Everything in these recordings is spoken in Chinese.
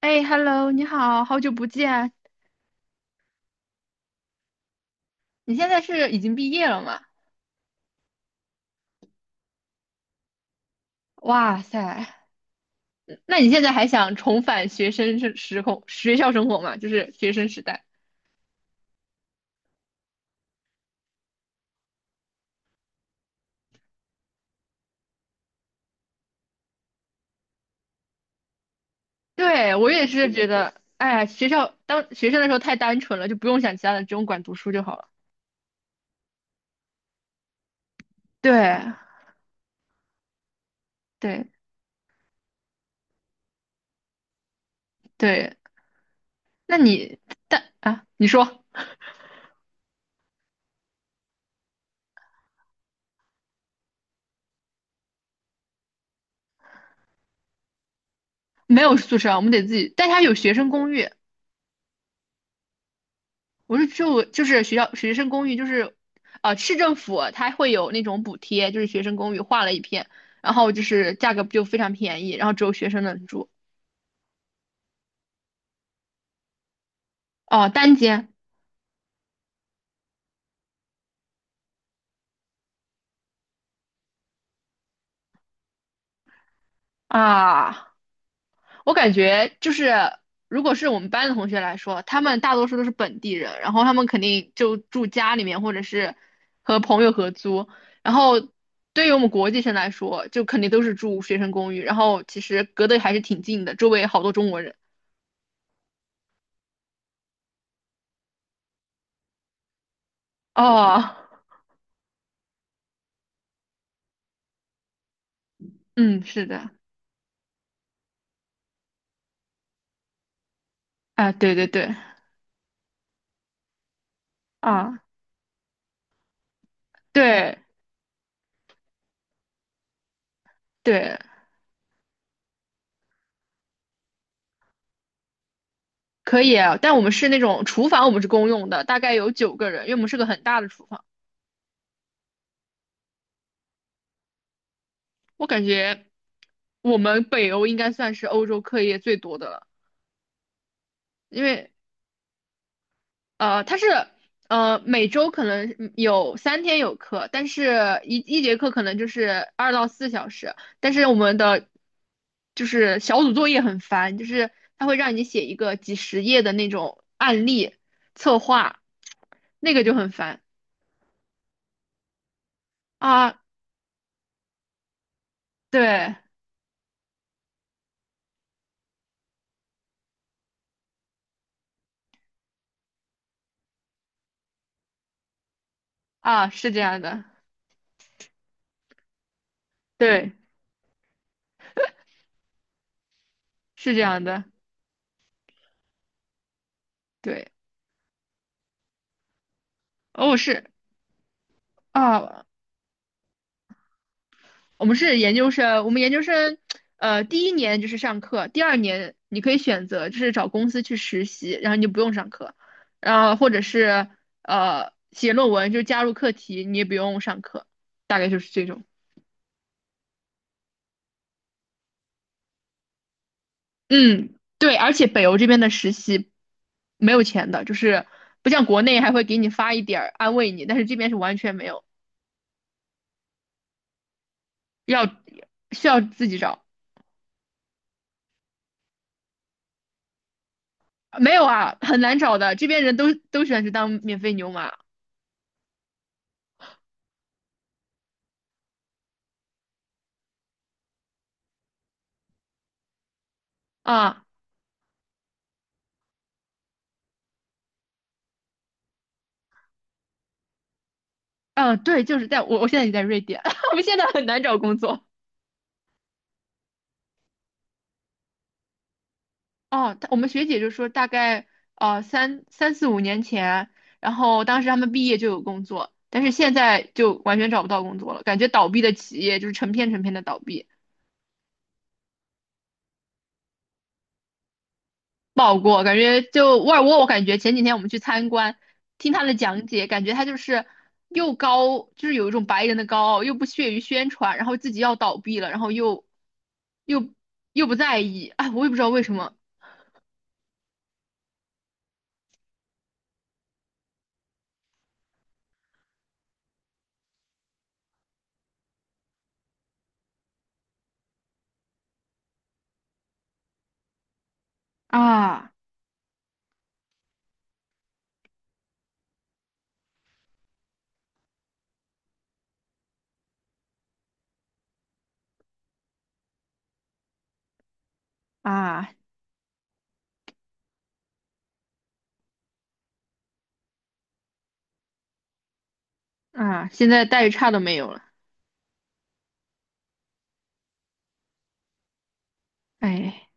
哎，Hello，你好，好久不见。你现在是已经毕业了吗？哇塞，那你现在还想重返学生时空学校生活吗？就是学生时代。对，我也是觉得，哎呀，学校当学生的时候太单纯了，就不用想其他的，只用管读书就好了。对，对，对。那你但啊，你说没有宿舍啊我们得自己，但它有学生公寓。我是住就是学校学生公寓，就是市政府它会有那种补贴，就是学生公寓划了一片，然后就是价格就非常便宜，然后只有学生能住。哦，单间。啊，我感觉就是如果是我们班的同学来说，他们大多数都是本地人，然后他们肯定就住家里面或者是和朋友合租，然后对于我们国际生来说，就肯定都是住学生公寓，然后其实隔得还是挺近的，周围好多中国人。哦。嗯，是的，啊，对对对，啊，对对，可以啊，但我们是那种厨房，我们是公用的，大概有9个人，因为我们是个很大的厨房。我感觉我们北欧应该算是欧洲课业最多的了，因为它是每周可能有3天有课，但是一节课可能就是2到4小时，但是我们的就是小组作业很烦，就是它会让你写一个几十页的那种案例策划，那个就很烦。啊。对啊，是这样的，对，是这样的，对。哦，是啊，我们是研究生，我们研究生，第一年就是上课，第二年你可以选择就是找公司去实习，然后你就不用上课，然后或者是写论文，就是加入课题，你也不用上课，大概就是这种。嗯，对，而且北欧这边的实习没有钱的，就是不像国内还会给你发一点儿安慰你，但是这边是完全没有，要需要自己找，没有啊，很难找的，这边人都喜欢去当免费牛马。啊。嗯，对，就是在我现在也在瑞典，我们现在很难找工作。哦，我们学姐就说大概啊三四五年前，然后当时他们毕业就有工作，但是现在就完全找不到工作了，感觉倒闭的企业就是成片成片的倒闭，不好过。感觉就沃尔沃，我感觉前几天我们去参观，听他的讲解，感觉他就是又高，就是有一种白人的高傲，又不屑于宣传，然后自己要倒闭了，然后又又不在意，哎，我也不知道为什么。啊。啊啊！现在待遇差都没有了，哎，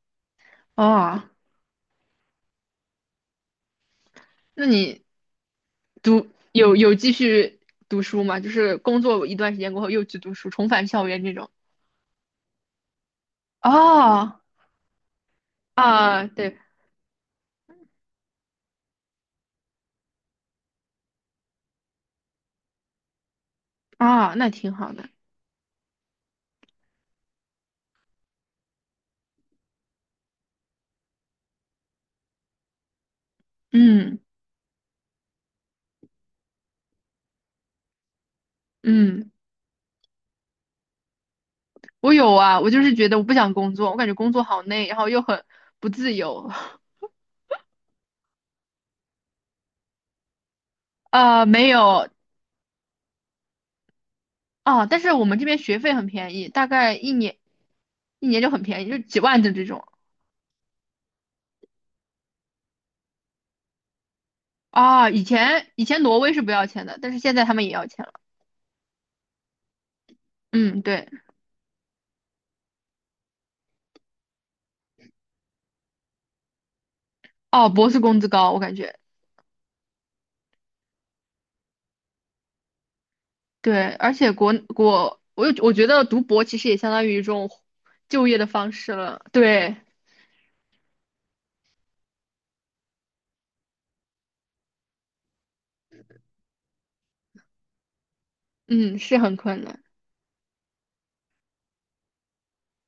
哦，那你读有继续读书吗？就是工作一段时间过后又去读书，重返校园这种。哦，啊，对，啊，那挺好的。嗯嗯，我有啊，我就是觉得我不想工作，我感觉工作好累，然后又很不自由。啊，没有啊，但是我们这边学费很便宜，大概一年就很便宜，就几万的这种。啊，以前挪威是不要钱的，但是现在他们也要钱了。嗯，对。哦，博士工资高，我感觉对，而且我觉得读博其实也相当于一种就业的方式了。对，嗯，是很困难。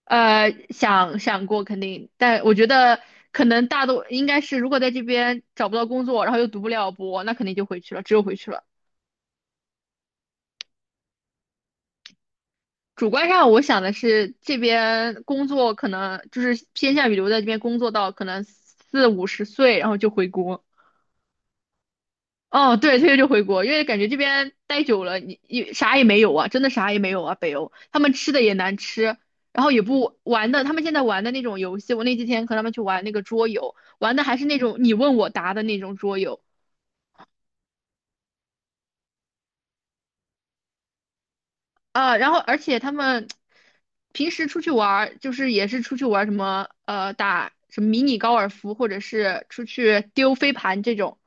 想过肯定，但我觉得可能大多应该是，如果在这边找不到工作，然后又读不了博，那肯定就回去了，只有回去了。主观上我想的是，这边工作可能就是偏向于留在这边工作到可能4、50岁，然后就回国。哦，对，退休就回国，因为感觉这边待久了，你啥也没有啊，真的啥也没有啊。北欧他们吃的也难吃，然后也不玩的，他们现在玩的那种游戏，我那几天和他们去玩那个桌游，玩的还是那种你问我答的那种桌游，啊，然后而且他们平时出去玩儿，就是也是出去玩儿什么打什么迷你高尔夫，或者是出去丢飞盘这种。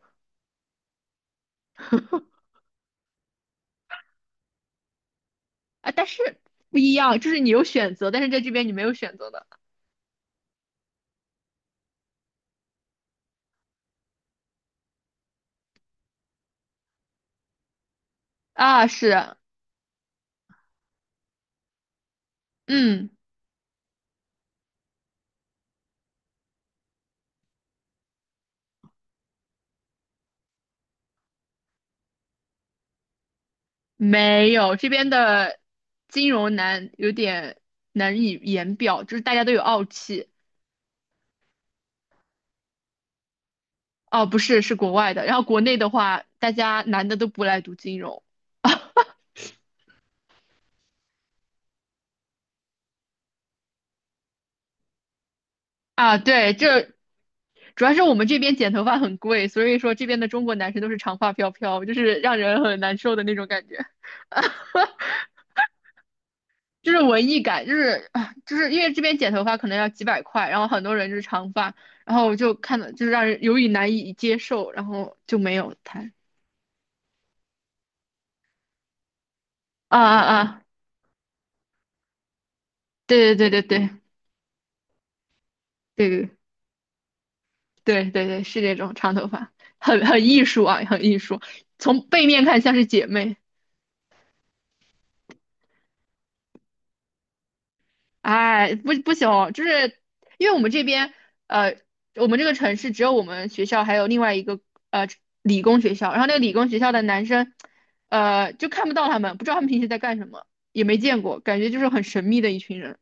啊，但是不一样，就是你有选择，但是在这边你没有选择的。啊，是，嗯，没有，这边的金融难有点难以言表，就是大家都有傲气，哦，不是，是国外的，然后国内的话，大家男的都不来读金融。啊，对，这主要是我们这边剪头发很贵，所以说这边的中国男生都是长发飘飘，就是让人很难受的那种感觉，就是文艺感，就是啊，就是因为这边剪头发可能要几百块，然后很多人就是长发，然后我就看了，就是让人有点难以接受，然后就没有谈。啊啊啊！对对对对对对对对对对，是这种长头发，很艺术啊，很艺术，从背面看像是姐妹。哎，不行，就是因为我们这边，呃，我们这个城市只有我们学校还有另外一个呃理工学校，然后那个理工学校的男生，就看不到他们，不知道他们平时在干什么，也没见过，感觉就是很神秘的一群人。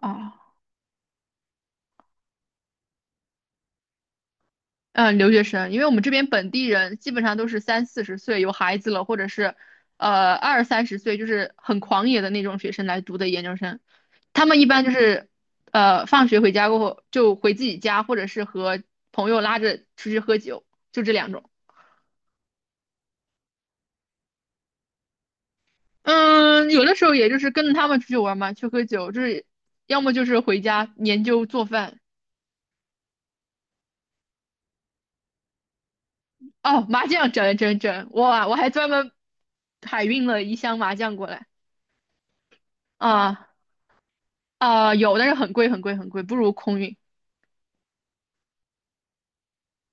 啊。嗯，留学生，因为我们这边本地人基本上都是三四十岁有孩子了，或者是二三十岁，就是很狂野的那种学生来读的研究生。他们一般就是放学回家过后就回自己家，或者是和朋友拉着出去喝酒，就这两种。嗯，有的时候也就是跟着他们出去玩嘛，去喝酒，就是要么就是回家研究做饭。哦，麻将整整整，哇，我还专门海运了一箱麻将过来。啊。啊、有，但是很贵很贵很贵，不如空运。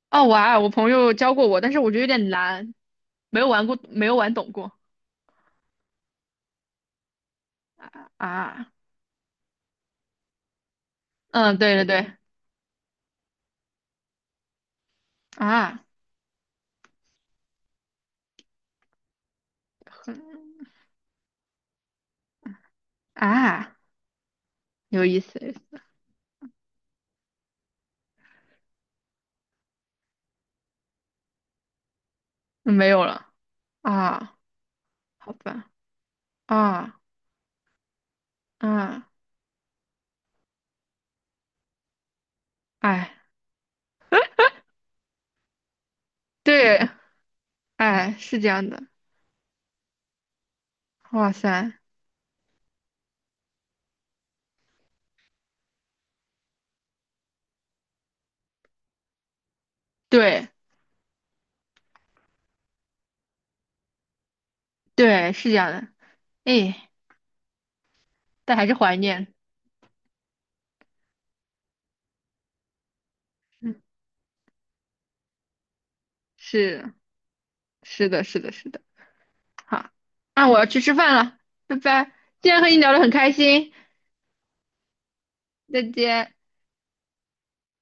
哦，玩，我朋友教过我，但是我觉得有点难，没有玩过，没有玩懂过。啊。嗯，对对对，啊，很啊，有意思，有意思。没有了。啊，好吧，啊啊，哎，对，哎，是这样的，哇塞，对对，是这样的，哎，但还是怀念，嗯，是是的，是的，是的。好，那我要去吃饭了，拜拜。今天和你聊得很开心，再见。